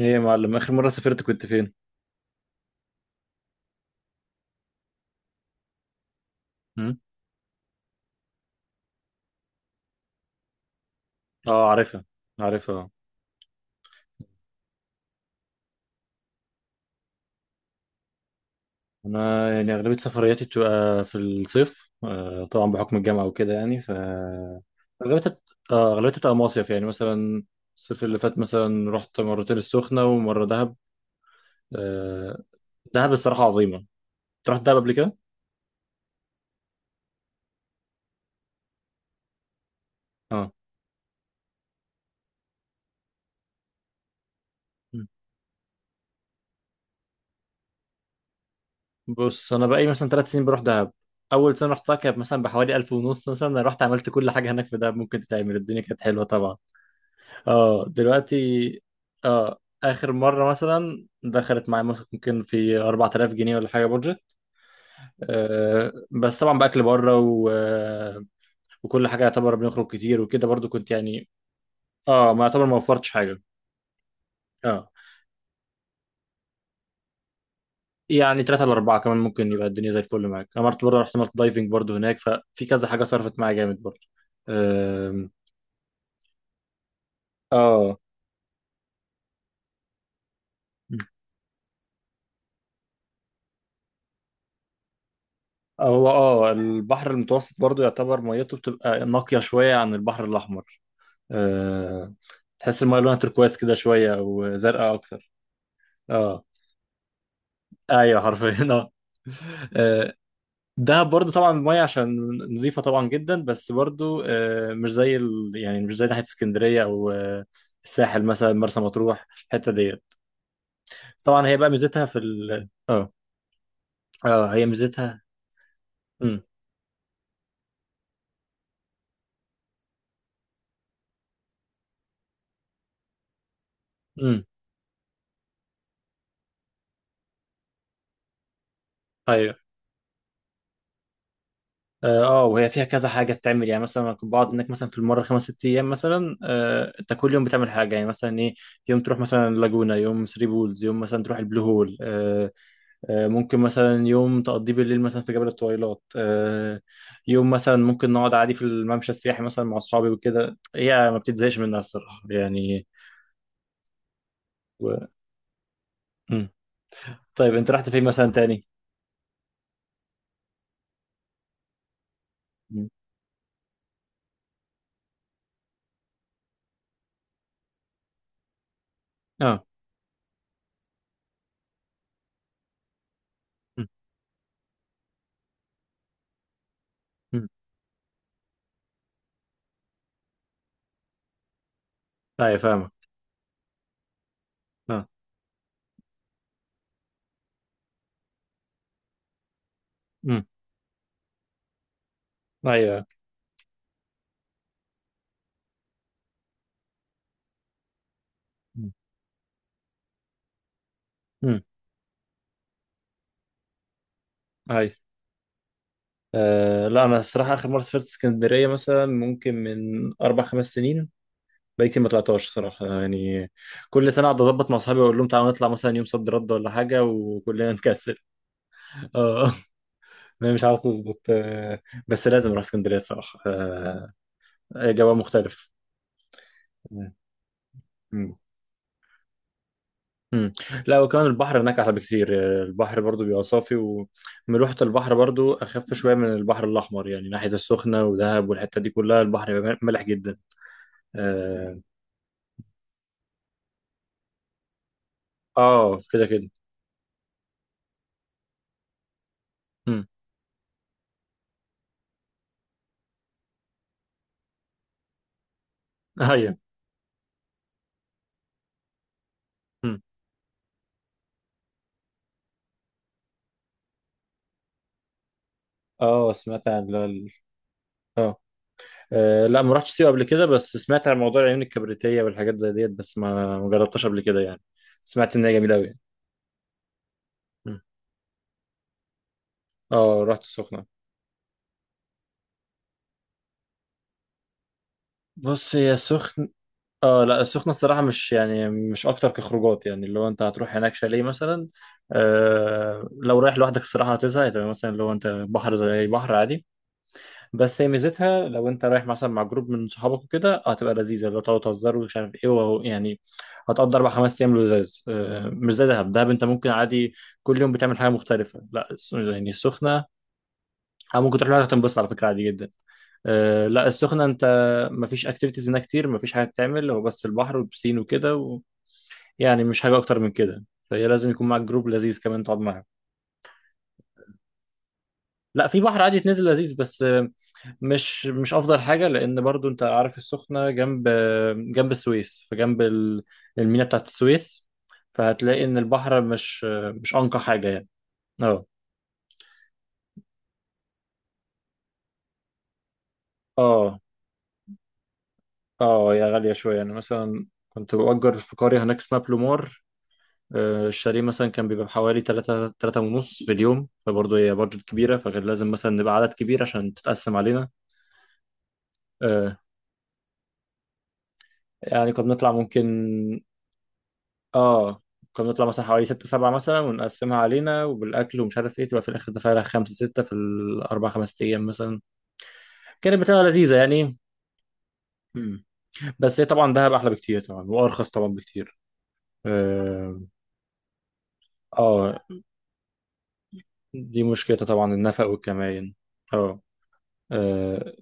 ايه يا معلم، اخر مره سافرت كنت فين؟ هم؟ اه، عارفها. عارفها. انا يعني اغلبيه سفرياتي بتبقى في الصيف، آه طبعا، بحكم الجامعه وكده يعني. ف اغلبيتها بت- اه اغلبيتها بتبقى مصيف يعني. مثلا الصيف اللي فات مثلا رحت مرتين السخنه ومره دهب. آه. دهب الصراحه عظيمه. أنت رحت دهب قبل كده؟ اه. مم. بص، انا بقالي مثلا ثلاث سنين بروح دهب. اول سنه رحتها كانت مثلا بحوالي 1000 ونص، مثلا أنا رحت عملت كل حاجه هناك في دهب ممكن تتعمل. الدنيا كانت حلوه طبعا. اه دلوقتي. اه، اخر مره مثلا دخلت معايا مثلا ممكن في 4000 جنيه ولا حاجه بودجت. آه، بس طبعا باكل بره و... آه، وكل حاجه يعتبر. بنخرج كتير وكده برضو كنت يعني. اه، ما يعتبر ما وفرتش حاجه. اه، يعني ثلاثة لأربعة كمان ممكن يبقى الدنيا زي الفل معاك. أنا مرة برضه رحت عملت دايفنج برضه هناك، ففي كذا حاجة صرفت معايا جامد برضه. آم، اه. هو البحر المتوسط برضه يعتبر ميته، بتبقى نقية شوية عن البحر الأحمر. آه، تحس المايه لونها تركواز كده شويه او زرقاء اكتر. اه. ايوه حرفيا اه. آه، دهب برضو طبعا المايه عشان نظيفه طبعا جدا، بس برضو مش زي يعني مش زي ناحيه اسكندريه او الساحل مثلا مرسى مطروح. الحته ديت. بس طبعا هي بقى ميزتها في ال... اه اه، هي ميزتها. امم. امم. اه. وهي فيها كذا حاجه بتعمل يعني. مثلا انا كنت بقعد هناك مثلا في المره خمس ست ايام مثلا. انت كل يوم بتعمل حاجه يعني مثلا ايه؟ يوم تروح مثلا لاجونا، يوم ثري بولز، يوم مثلا تروح البلو هول. ممكن مثلا يوم تقضيه بالليل مثلا في جبل الطويلات. يوم مثلا ممكن نقعد عادي في الممشى السياحي مثلا مع اصحابي وكده. هي ما بتتزهقش منها الصراحه يعني. و... مم. طيب انت رحت فين مثلا تاني؟ مم. اه. مم. مم. ايوه فاهمك اه. مم. ايوه. مم. مم. ايوه أه. لا انا الصراحه اخر مره سافرت اسكندريه مثلا ممكن من اربع خمس سنين. بقالي كتير ما طلعتهاش صراحه يعني. كل سنه اقعد اظبط مع اصحابي واقول لهم تعالوا نطلع مثلا يوم صد رد ولا حاجه، وكلنا نكسل. اه. انا مش عاوز نظبط أه. بس لازم اروح اسكندريه الصراحه أه. جو مختلف. مم. مم. لا وكمان البحر هناك احلى بكتير. أه، البحر برضو بيبقى صافي، وملوحه البحر برضو اخف شويه من البحر الاحمر يعني ناحيه السخنه ودهب والحته دي كلها البحر بيبقى مالح جدا. آه، اه كده كده. امم. ايوه. امم. اه، سمعت عن اه لا ما رحتش سيوه قبل كده، بس سمعت عن موضوع العيون الكبريتيه والحاجات زي ديت، بس ما جربتهاش قبل كده يعني. سمعت ان هي جميله قوي. اه، رحت السخنه. بص هي سخن اه لا، السخنه الصراحه مش يعني، مش اكتر كخروجات. يعني اللي هو انت هتروح هناك شاليه مثلا. آه لو رايح لوحدك الصراحه هتزهق، تبقى مثلا لو انت بحر زي أي بحر عادي. بس هي ميزتها لو انت رايح مثلا مع جروب من صحابك وكده هتبقى لذيذه، لو تقعدوا تهزروا ومش عارف ايه وهو يعني. هتقضي اربع خمس ايام لذيذ. مش زي دهب. دهب انت ممكن عادي كل يوم بتعمل حاجه مختلفه. لا يعني السخنه، او ممكن تروح لها تنبسط على فكره عادي جدا. لا السخنه انت مفيش اكتيفيتيز هناك كتير، مفيش حاجه تعمل. هو بس البحر والبسين وكده يعني مش حاجه اكتر من كده. فهي لازم يكون معاك جروب لذيذ كمان تقعد معاه. لا في بحر عادي تنزل لذيذ بس مش افضل حاجه، لان برضو انت عارف السخنه جنب السويس، فجنب المينا بتاعت السويس. فهتلاقي ان البحر مش انقى حاجه يعني. اه اه. اه يا، غاليه شويه يعني مثلا كنت بأجر في قريه هناك اسمها بلومار. الشاليه مثلا كان بيبقى بحوالي 3 3 ونص في اليوم، فبرضه هي بادجت كبيره فكان لازم مثلا نبقى عدد كبير عشان تتقسم علينا. آه، يعني كنا بنطلع ممكن. اه، كنا بنطلع مثلا حوالي ستة سبعة مثلا، ونقسمها علينا وبالأكل ومش عارف ايه، تبقى في الآخر دافع لها خمسة ستة في الأربع خمس أيام مثلا. كانت بتبقى لذيذة يعني. مم. بس هي طبعا دهب أحلى بكتير طبعا وأرخص طبعا بكتير. اه. آه، دي مشكلتها طبعا، النفق والكمائن. اه. آه،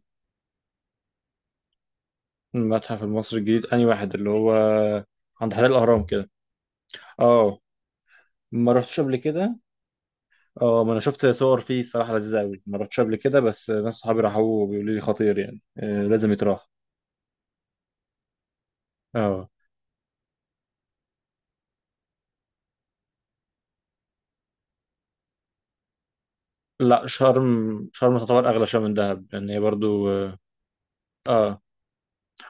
المتحف المصري الجديد أنهي واحد؟ اللي هو عند حدائق الأهرام كده. اه، ما رحتش قبل كده. اه، ما انا شفت صور فيه الصراحه لذيذه قوي، ما رحتش قبل كده، بس ناس صحابي راحوا وبيقولوا لي خطير يعني. آه لازم يتراح. اه، لا شرم. شرم تعتبر اغلى شويه من دهب لان هي برضو. اه.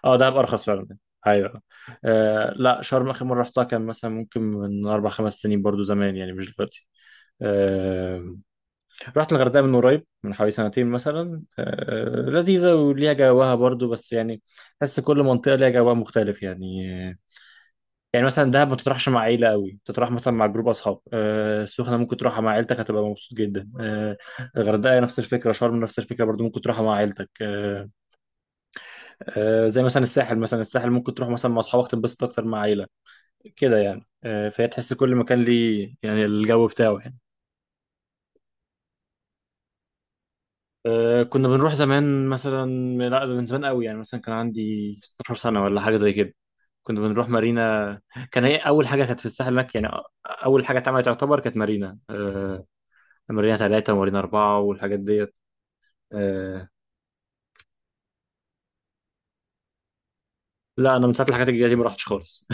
اه دهب ارخص فعلا. ايوه. آه لا، شرم اخر مره رحتها كان مثلا ممكن من اربع خمس سنين برضو، زمان يعني مش دلوقتي. آه. رحت الغردقه من قريب من حوالي سنتين مثلا. آه لذيذه وليها جواها برضو، بس يعني بس كل منطقه ليها جوها مختلف يعني. يعني مثلا دهب ما تروحش مع عيلة قوي، تروح مثلا مع جروب أصحاب. السخنة ممكن تروحها مع عيلتك هتبقى مبسوط جدا. الغردقة نفس الفكرة، شرم نفس الفكرة برضو ممكن تروحها مع عيلتك. زي مثلا الساحل. مثلا الساحل ممكن تروح مثلا مع أصحابك تنبسط أكتر، مع عيلة كده يعني. فهي تحس كل مكان ليه يعني الجو بتاعه يعني. كنا بنروح زمان مثلا. لا ده من زمان قوي يعني. مثلا كان عندي 16 سنة ولا حاجة زي كده. كنا بنروح مارينا. كان هي أول حاجة كانت في الساحل هناك يعني. أول حاجة اتعملت تعتبر كانت مارينا. مارينا ثلاثة ومارينا أربعة والحاجات ديت. آه. لا أنا من ساعة الحاجات الجديدة دي ما رحتش خالص.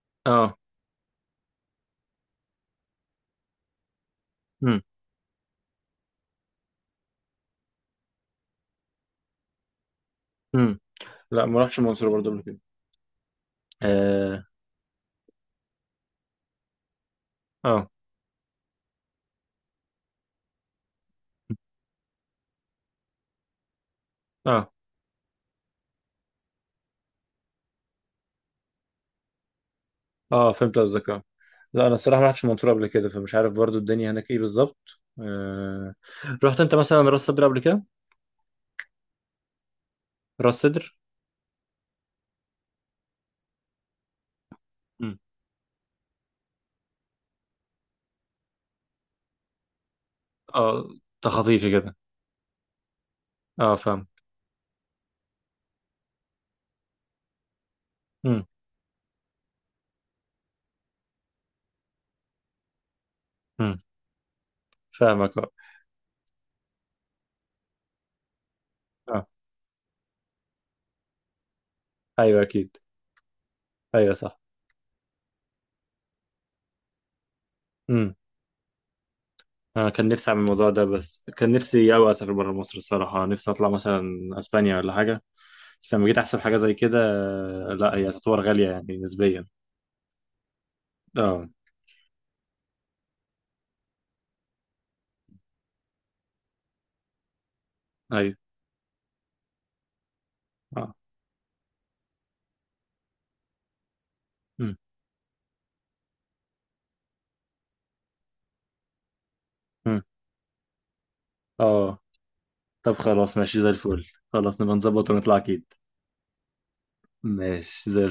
اه. امم. امم. لا ما رحتش المنصورة برضه قبل كده. اه. اه. اه. اه فهمت قصدك اه. لا أنا الصراحة ما رحتش المنصورة قبل كده، فمش عارف برضه الدنيا هناك إيه بالظبط. آه. رحت أنت مثلا راس صدر قبل كده؟ راس صدر؟ امم. اه تخطيفي كده. اه فاهم. امم. امم. فاهمك اه. آه. أيوه أكيد. أيوه صح. امم. انا كان نفسي اعمل الموضوع ده، بس كان نفسي قوي اسافر بره مصر الصراحه. نفسي اطلع مثلا اسبانيا ولا حاجه. بس لما جيت احسب حاجه زي كده. لا هي تعتبر غاليه يعني نسبيا. اه. ايوه. اه. مم. مم. اه، طب خلاص ماشي زي الفل. خلاص نبقى نظبط ونطلع اكيد. ماشي زي